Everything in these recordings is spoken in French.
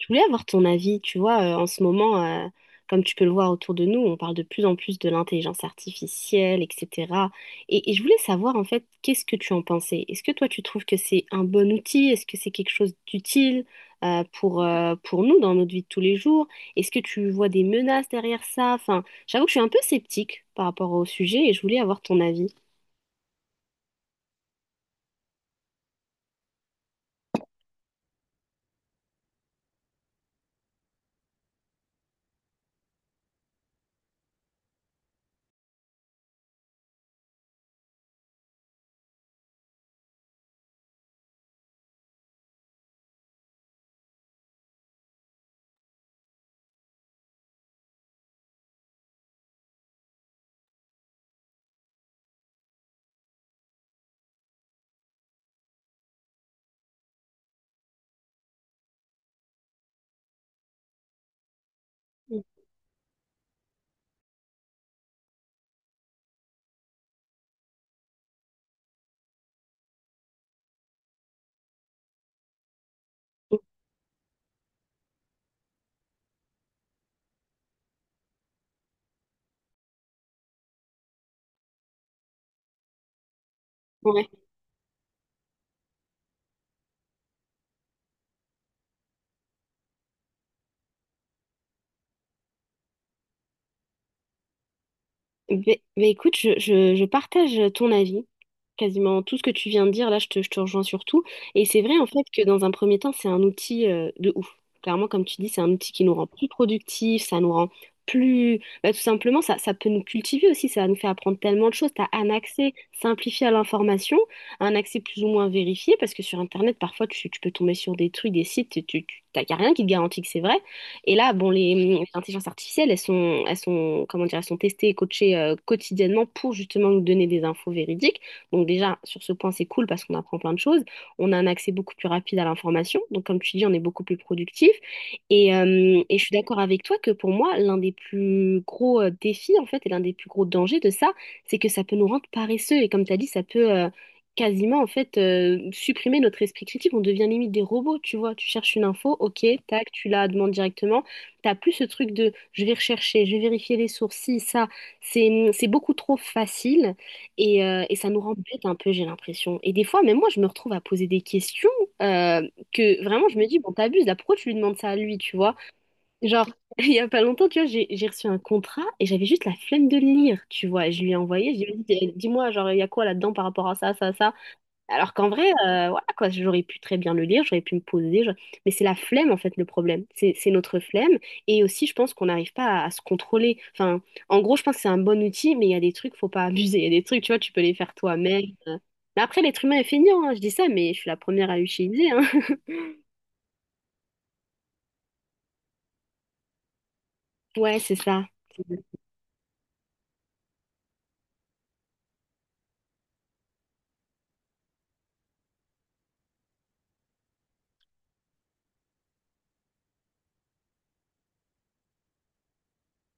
Je voulais avoir ton avis, tu vois, en ce moment, comme tu peux le voir autour de nous, on parle de plus en plus de l'intelligence artificielle, etc. Et je voulais savoir, en fait, qu'est-ce que tu en pensais? Est-ce que toi, tu trouves que c'est un bon outil? Est-ce que c'est quelque chose d'utile, pour nous dans notre vie de tous les jours? Est-ce que tu vois des menaces derrière ça? Enfin, j'avoue que je suis un peu sceptique par rapport au sujet et je voulais avoir ton avis. Mm. Ouais. Ben, écoute, je partage ton avis, quasiment tout ce que tu viens de dire, là je te rejoins sur tout. Et c'est vrai en fait que dans un premier temps, c'est un outil de ouf. Clairement, comme tu dis, c'est un outil qui nous rend plus productifs, ça nous rend plus... ben, tout simplement, ça peut nous cultiver aussi, ça nous fait apprendre tellement de choses. Tu as un accès simplifié à l'information, un accès plus ou moins vérifié, parce que sur Internet, parfois, tu peux tomber sur des trucs, des sites, t'as y a rien qui te garantit que c'est vrai. Et là, bon, les intelligences artificielles, elles sont, comment dire, elles sont testées et coachées quotidiennement pour justement nous donner des infos véridiques. Donc déjà, sur ce point, c'est cool parce qu'on apprend plein de choses. On a un accès beaucoup plus rapide à l'information. Donc comme tu dis, on est beaucoup plus productif. Et je suis d'accord avec toi que pour moi, l'un des plus gros défis, en fait, et l'un des plus gros dangers de ça, c'est que ça peut nous rendre paresseux. Et comme tu as dit, ça peut, quasiment en fait supprimer notre esprit critique, on devient limite des robots, tu vois, tu cherches une info, ok, tac, tu la demandes directement, t'as plus ce truc de je vais rechercher, je vais vérifier les sources, si, ça, c'est beaucoup trop facile et ça nous rend bête un peu, j'ai l'impression. Et des fois, même moi, je me retrouve à poser des questions euh, que vraiment je me dis, bon, t'abuses, là, pourquoi tu lui demandes ça à lui, tu vois? Genre, il y a pas longtemps, tu vois, j'ai reçu un contrat et j'avais juste la flemme de le lire, tu vois, et je lui ai envoyé, je lui ai dit, dis-moi, genre, il y a quoi là-dedans par rapport à ça, ça, ça. Alors qu'en vrai, voilà quoi, j'aurais pu très bien le lire, j'aurais pu me poser, je- mais c'est la flemme en fait le problème. C'est notre flemme et aussi je pense qu'on n'arrive pas à, à se contrôler. Enfin, en gros, je pense que c'est un bon outil, mais il y a des trucs, faut pas abuser. Il y a des trucs, tu vois, tu peux les faire toi-même. Mais après, l'être humain est feignant, hein, je dis ça, mais je suis la première à l'utiliser, hein. Ouais, c'est ça.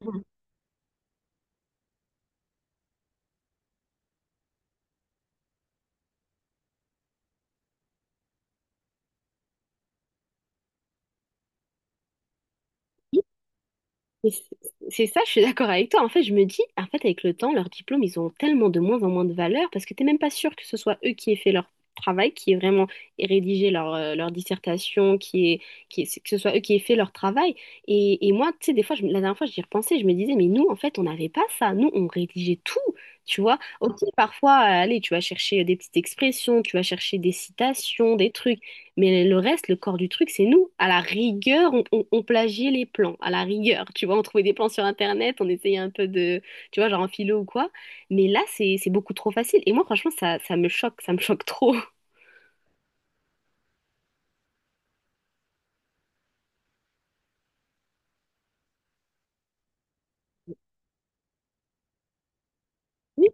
C'est ça, je suis d'accord avec toi. En fait, je me dis, en fait, avec le temps, leurs diplômes, ils ont tellement de moins en moins de valeur parce que t'es même pas sûr que ce soit eux qui aient fait leur travail, qui aient vraiment rédigé leur, leur dissertation, que ce soit eux qui aient fait leur travail. Et moi, tu sais, des fois, la dernière fois, j'y repensais, je me disais, mais nous, en fait, on n'avait pas ça. Nous, on rédigeait tout, tu vois. Ok, parfois, allez, tu vas chercher des petites expressions, tu vas chercher des citations, des trucs. Mais le reste, le corps du truc, c'est nous. À la rigueur, on plagiait les plans. À la rigueur, tu vois, on trouvait des plans sur Internet, on essayait un peu de, tu vois, genre en philo ou quoi. Mais là, c'est beaucoup trop facile. Et moi, franchement, ça me choque trop. Oui,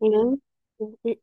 on a-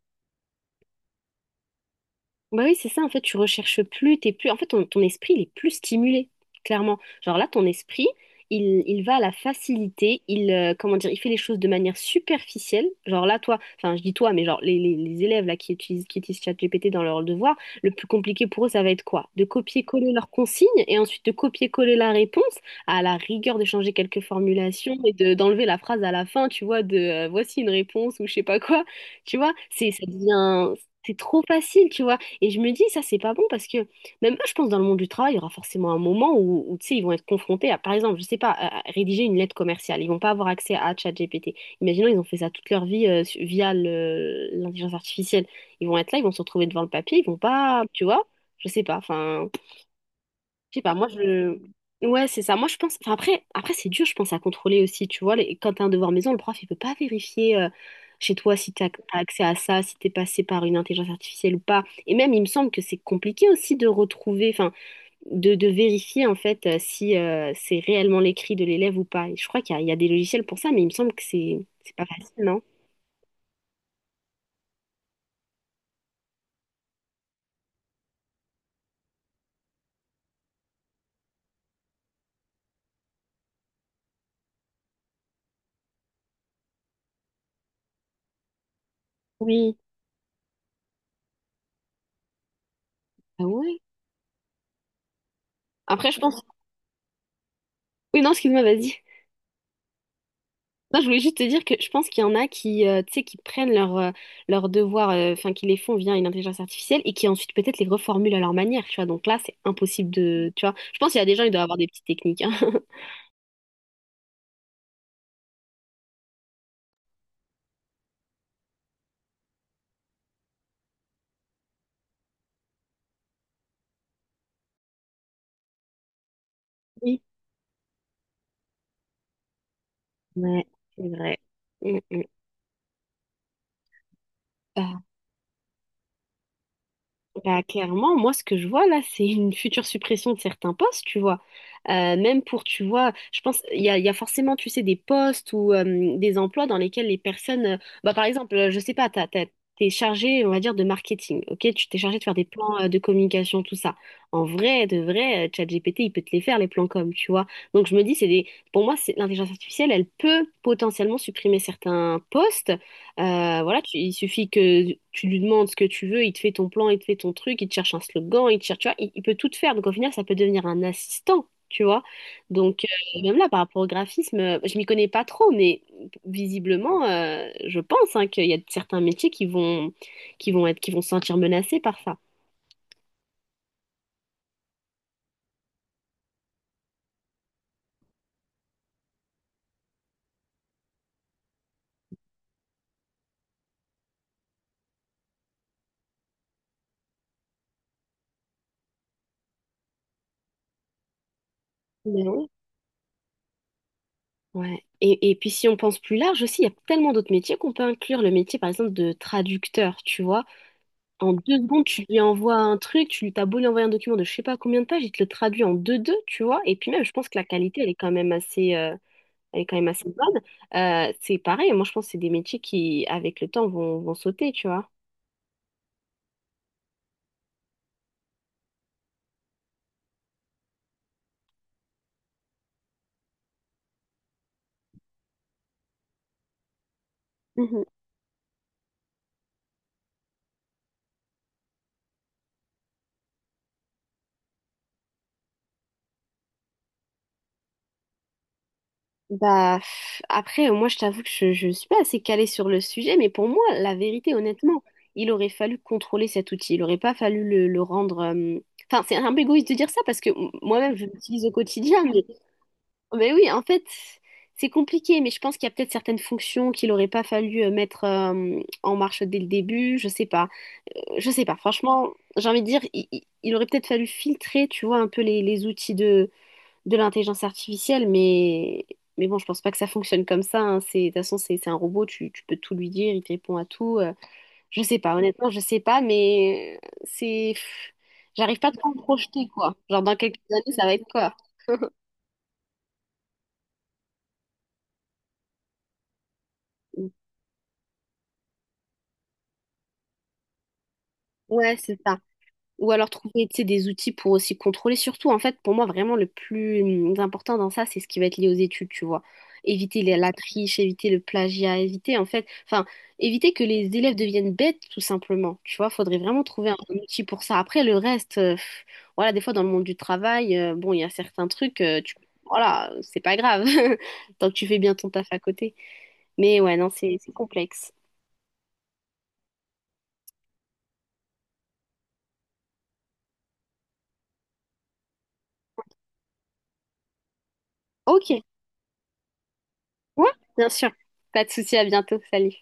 Bah oui, c'est ça, en fait, tu recherches plus, t'es plus... En fait, ton esprit, il est plus stimulé, clairement. Genre là, ton esprit, il va à la facilité, il, comment dire, il fait les choses de manière superficielle. Genre là, toi, enfin, je dis toi, mais genre les élèves là qui utilisent ChatGPT dans leur devoir, le plus compliqué pour eux, ça va être quoi? De copier-coller leurs consignes et ensuite de copier-coller la réponse, à la rigueur de changer quelques formulations et de, d'enlever la phrase à la fin, tu vois, de voici une réponse ou je sais pas quoi. Tu vois, ça devient... C'est trop facile, tu vois. Et je me dis, ça, c'est pas bon parce que même eux, je pense, dans le monde du travail, il y aura forcément un moment où, tu sais, ils vont être confrontés à, par exemple, je sais pas, à rédiger une lettre commerciale. Ils vont pas avoir accès à ChatGPT. Imaginons, ils ont fait ça toute leur vie via l'intelligence artificielle. Ils vont être là, ils vont se retrouver devant le papier, ils vont pas, tu vois, je sais pas, enfin. Je sais pas, moi je. Ouais, c'est ça. Moi je pense. Enfin, après c'est dur, je pense, à contrôler aussi. Tu vois, les... quand t'as un devoir maison, le prof, il peut pas vérifier chez toi si t'as accès à ça, si t'es passé par une intelligence artificielle ou pas. Et même, il me semble que c'est compliqué aussi de retrouver, enfin, de vérifier en fait si c'est réellement l'écrit de l'élève ou pas. Et je crois il y a des logiciels pour ça, mais il me semble que c'est pas facile, non? Oui. Ah ouais? Après, je pense. Oui, non, excuse-moi, vas-y. Non, je voulais juste te dire que je pense qu'il y en a qui, tu sais, qui prennent leurs leurs devoirs, enfin, qui les font via une intelligence artificielle et qui ensuite peut-être les reformulent à leur manière, tu vois. Donc là, c'est impossible de, tu vois. Je pense qu'il y a des gens, ils doivent avoir des petites techniques, hein. Oui. Ouais, c'est vrai. Mm, mm. Euh, Bah, clairement, moi, ce que je vois là, c'est une future suppression de certains postes, tu vois. Même pour, tu vois, je pense, il y a forcément, tu sais, des postes ou des emplois dans lesquels les personnes, bah, par exemple, je sais pas, t'es chargé, on va dire, de marketing, ok? Tu T'es chargé de faire des plans de communication, tout ça. En vrai, de vrai, ChatGPT, il peut te les faire, les plans com, tu vois. Donc, je me dis, c'est des, pour moi, c'est l'intelligence artificielle, elle peut potentiellement supprimer certains postes. Voilà, il suffit que tu lui demandes ce que tu veux, il te fait ton plan, il te fait ton truc, il te cherche un slogan, il te cherche, tu vois, il peut tout te faire. Donc au final, ça peut devenir un assistant, tu vois. Donc même là, par rapport au graphisme, je m'y connais pas trop, mais visiblement, je pense hein, qu'il y a certains métiers qui vont, qui vont se sentir menacés par ça. Ben oui. Ouais. Et puis si on pense plus large aussi, il y a tellement d'autres métiers qu'on peut inclure. Le métier, par exemple, de traducteur, tu vois. En deux secondes, tu lui envoies un truc, tu t'as beau lui envoyer un document de je sais pas combien de pages, il te le traduit en deux-deux, tu vois. Et puis même, je pense que la qualité, elle est quand même assez, elle est quand même assez bonne. C'est pareil, moi je pense que c'est des métiers qui, avec le temps, vont sauter, tu vois. Mhm. Bah, pff, après, moi, je t'avoue que je ne suis pas assez calée sur le sujet, mais pour moi, la vérité, honnêtement, il aurait fallu contrôler cet outil. Il n'aurait pas fallu le rendre. Euh, enfin, c'est un peu égoïste de dire ça parce que moi-même, je l'utilise au quotidien, mais oui, en fait, c'est compliqué, mais je pense qu'il y a peut-être certaines fonctions qu'il aurait pas fallu mettre en marche dès le début, je sais pas. Je sais pas, franchement, j'ai envie de dire, il aurait peut-être fallu filtrer, tu vois, un peu les outils de l'intelligence artificielle, mais bon, je pense pas que ça fonctionne comme ça, hein. C'est, de toute façon, c'est un robot, tu peux tout lui dire, il te répond à tout. Euh, je sais pas, honnêtement, je sais pas, mais c'est... pff, j'arrive pas trop à me projeter, quoi. Genre, dans quelques années, ça va être quoi? Ouais, c'est ça. Ou alors trouver, tu sais, des outils pour aussi contrôler. Surtout, en fait, pour moi, vraiment, le plus important dans ça, c'est ce qui va être lié aux études, tu vois. Éviter la triche, éviter le plagiat, éviter, en fait, enfin, éviter que les élèves deviennent bêtes, tout simplement. Tu vois, faudrait vraiment trouver un, outil pour ça. Après, le reste, pff, voilà, des fois, dans le monde du travail, bon, il y a certains trucs, tu, voilà, c'est pas grave, tant que tu fais bien ton taf à côté. Mais ouais, non, c'est complexe. Ok, ouais, bien sûr. Pas de souci, à bientôt, salut.